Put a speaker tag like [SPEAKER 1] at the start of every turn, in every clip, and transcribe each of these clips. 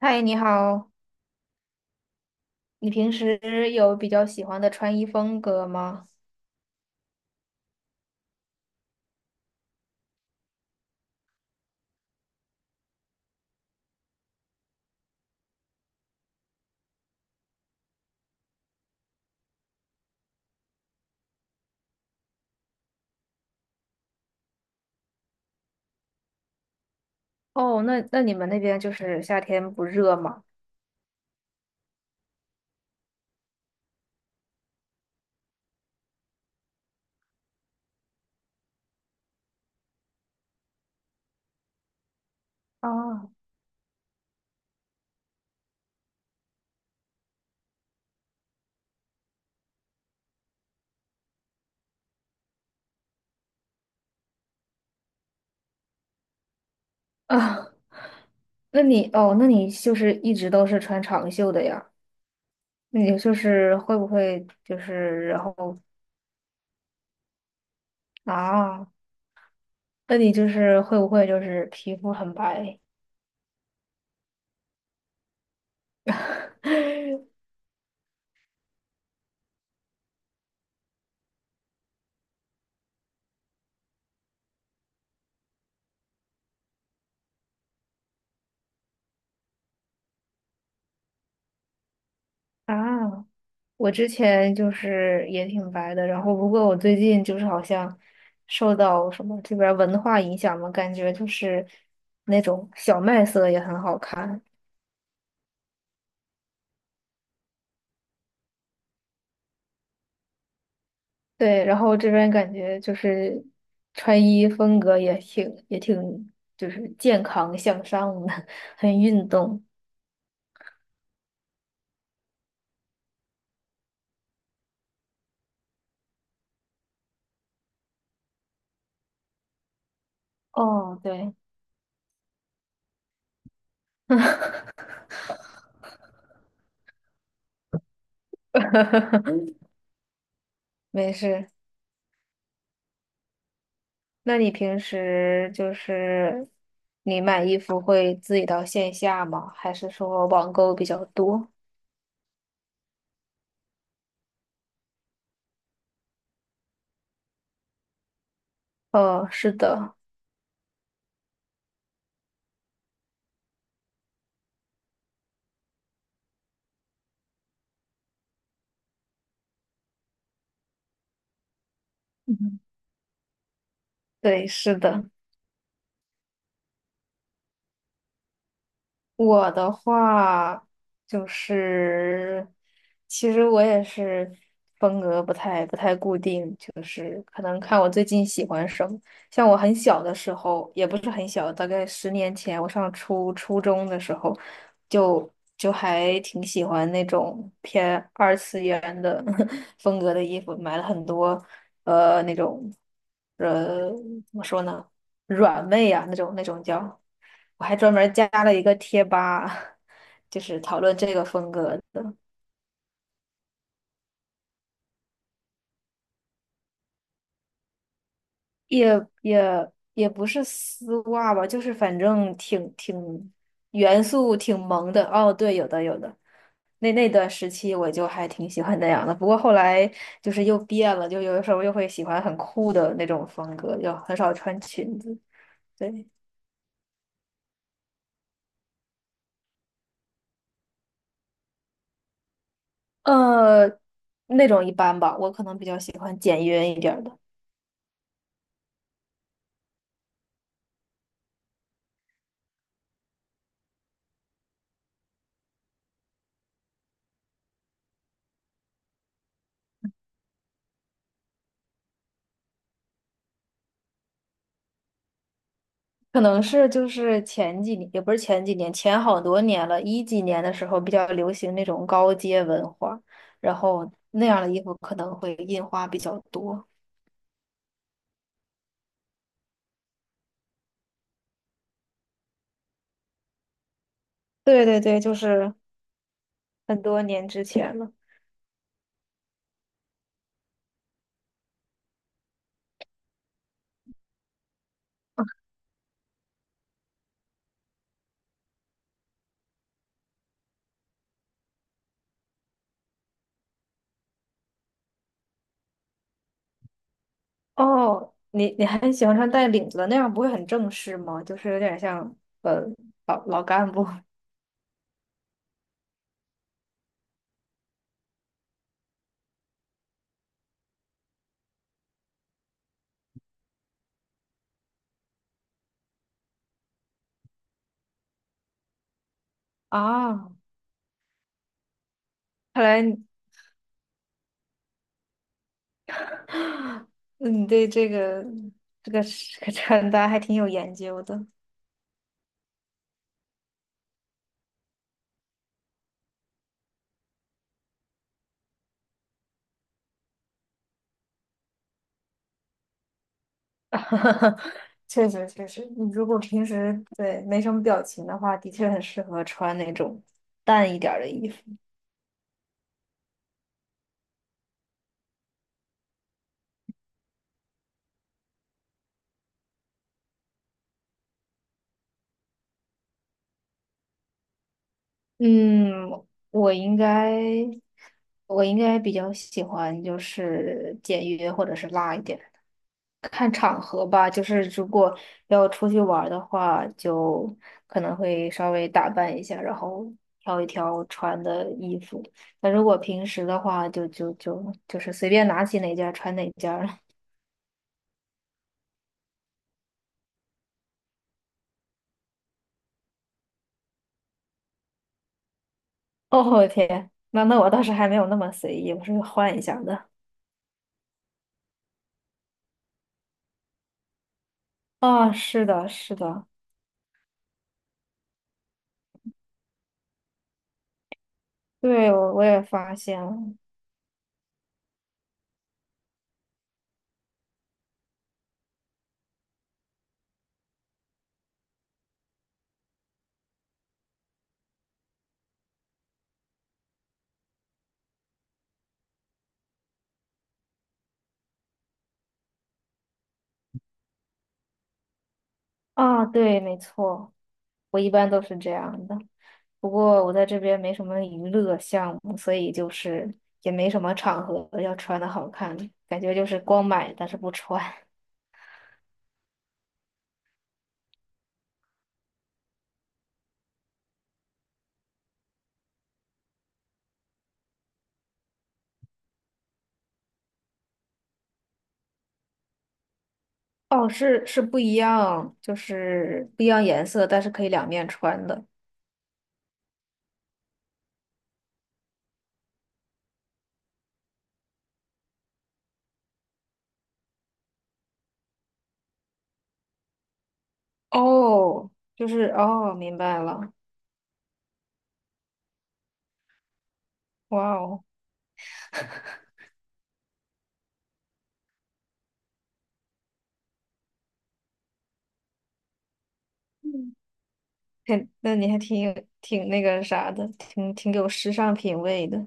[SPEAKER 1] 嗨，你好，你平时有比较喜欢的穿衣风格吗？哦，那你们那边就是夏天不热吗？啊啊，那你哦，那你就是一直都是穿长袖的呀？那你就是会不会就是然后啊？那你就是会不会就是皮肤很白 啊？我之前就是也挺白的，然后不过我最近就是好像受到什么这边儿文化影响嘛，感觉就是那种小麦色也很好看。对，然后这边感觉就是穿衣风格也挺就是健康向上的，很运动。哦，对，没事。那你平时就是你买衣服会自己到线下吗？还是说网购比较多？是的，嗯对，是的。我的话就是，其实我也是风格不太固定，就是可能看我最近喜欢什么。像我很小的时候，也不是很小，大概十年前，我上初中的时候，就还挺喜欢那种偏二次元的 风格的衣服，买了很多，那种，呃，怎么说呢，软妹啊，那种叫。我还专门加了一个贴吧，就是讨论这个风格的，也也也不是丝袜吧，就是反正挺元素挺萌的。哦，对，有的有的。那段时期我就还挺喜欢那样的，不过后来就是又变了，就有的时候又会喜欢很酷的那种风格，就很少穿裙子。对，呃，那种一般吧，我可能比较喜欢简约一点儿的。可能是就是前几年，也不是前几年，前好多年了，一几年的时候比较流行那种高阶文化，然后那样的衣服可能会印花比较多。对对对，就是很多年之前了。哦，你你还喜欢穿带领子的，那样不会很正式吗？就是有点像呃老老干部 啊。看来你 你对这个这个这个穿搭还挺有研究的。哈哈，确实确实，你如果平时对没什么表情的话，的确很适合穿那种淡一点儿的衣服。嗯，我应该我应该比较喜欢就是简约或者是辣一点，看场合吧。就是如果要出去玩儿的话，就可能会稍微打扮一下，然后挑一挑穿的衣服。那如果平时的话，就是随便拿起哪件儿穿哪件。哦天，那那我倒是还没有那么随意，我是换一下的。啊、是的，是的，对，我我也发现了。啊，对，没错，我一般都是这样的。不过我在这边没什么娱乐项目，所以就是也没什么场合要穿的好看，感觉就是光买但是不穿。哦，是是不一样，就是不一样颜色，但是可以两面穿的。哦，就是哦，明白了。哇哦。还那你还挺有挺那个啥的，挺挺有时尚品味的。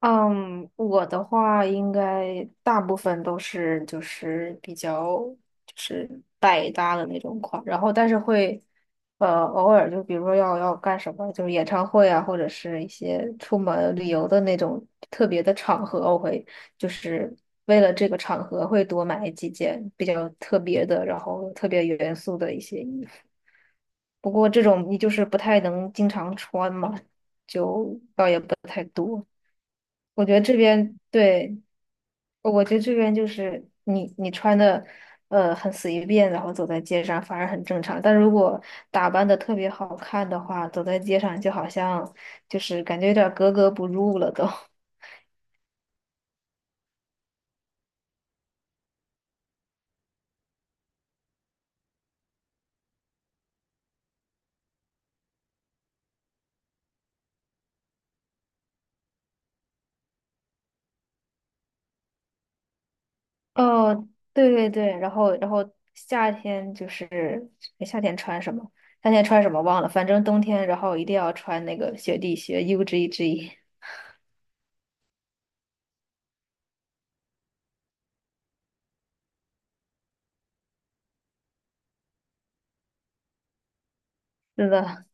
[SPEAKER 1] 嗯，我的话应该大部分都是就是比较就是百搭的那种款，然后但是会偶尔就比如说要干什么，就是演唱会啊，或者是一些出门旅游的那种特别的场合，我会就是为了这个场合会多买几件比较特别的，然后特别元素的一些衣服。不过这种你就是不太能经常穿嘛，就倒也不太多。我觉得这边对，我觉得这边就是你你穿的很随便，然后走在街上反而很正常。但如果打扮的特别好看的话，走在街上就好像就是感觉有点儿格格不入了都。哦，对对对，然后然后夏天就是夏天穿什么？夏天穿什么忘了，反正冬天然后一定要穿那个雪地靴 UGG。是的，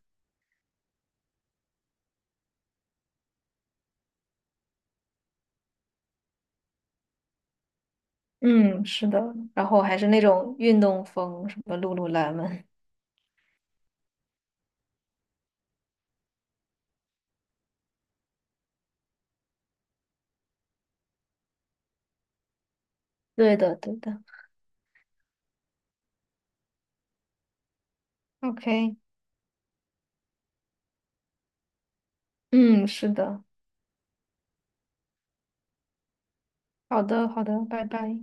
[SPEAKER 1] 嗯，是的，然后还是那种运动风，什么露露兰们，对的，对的，OK，嗯，是的，好的，好的，拜拜。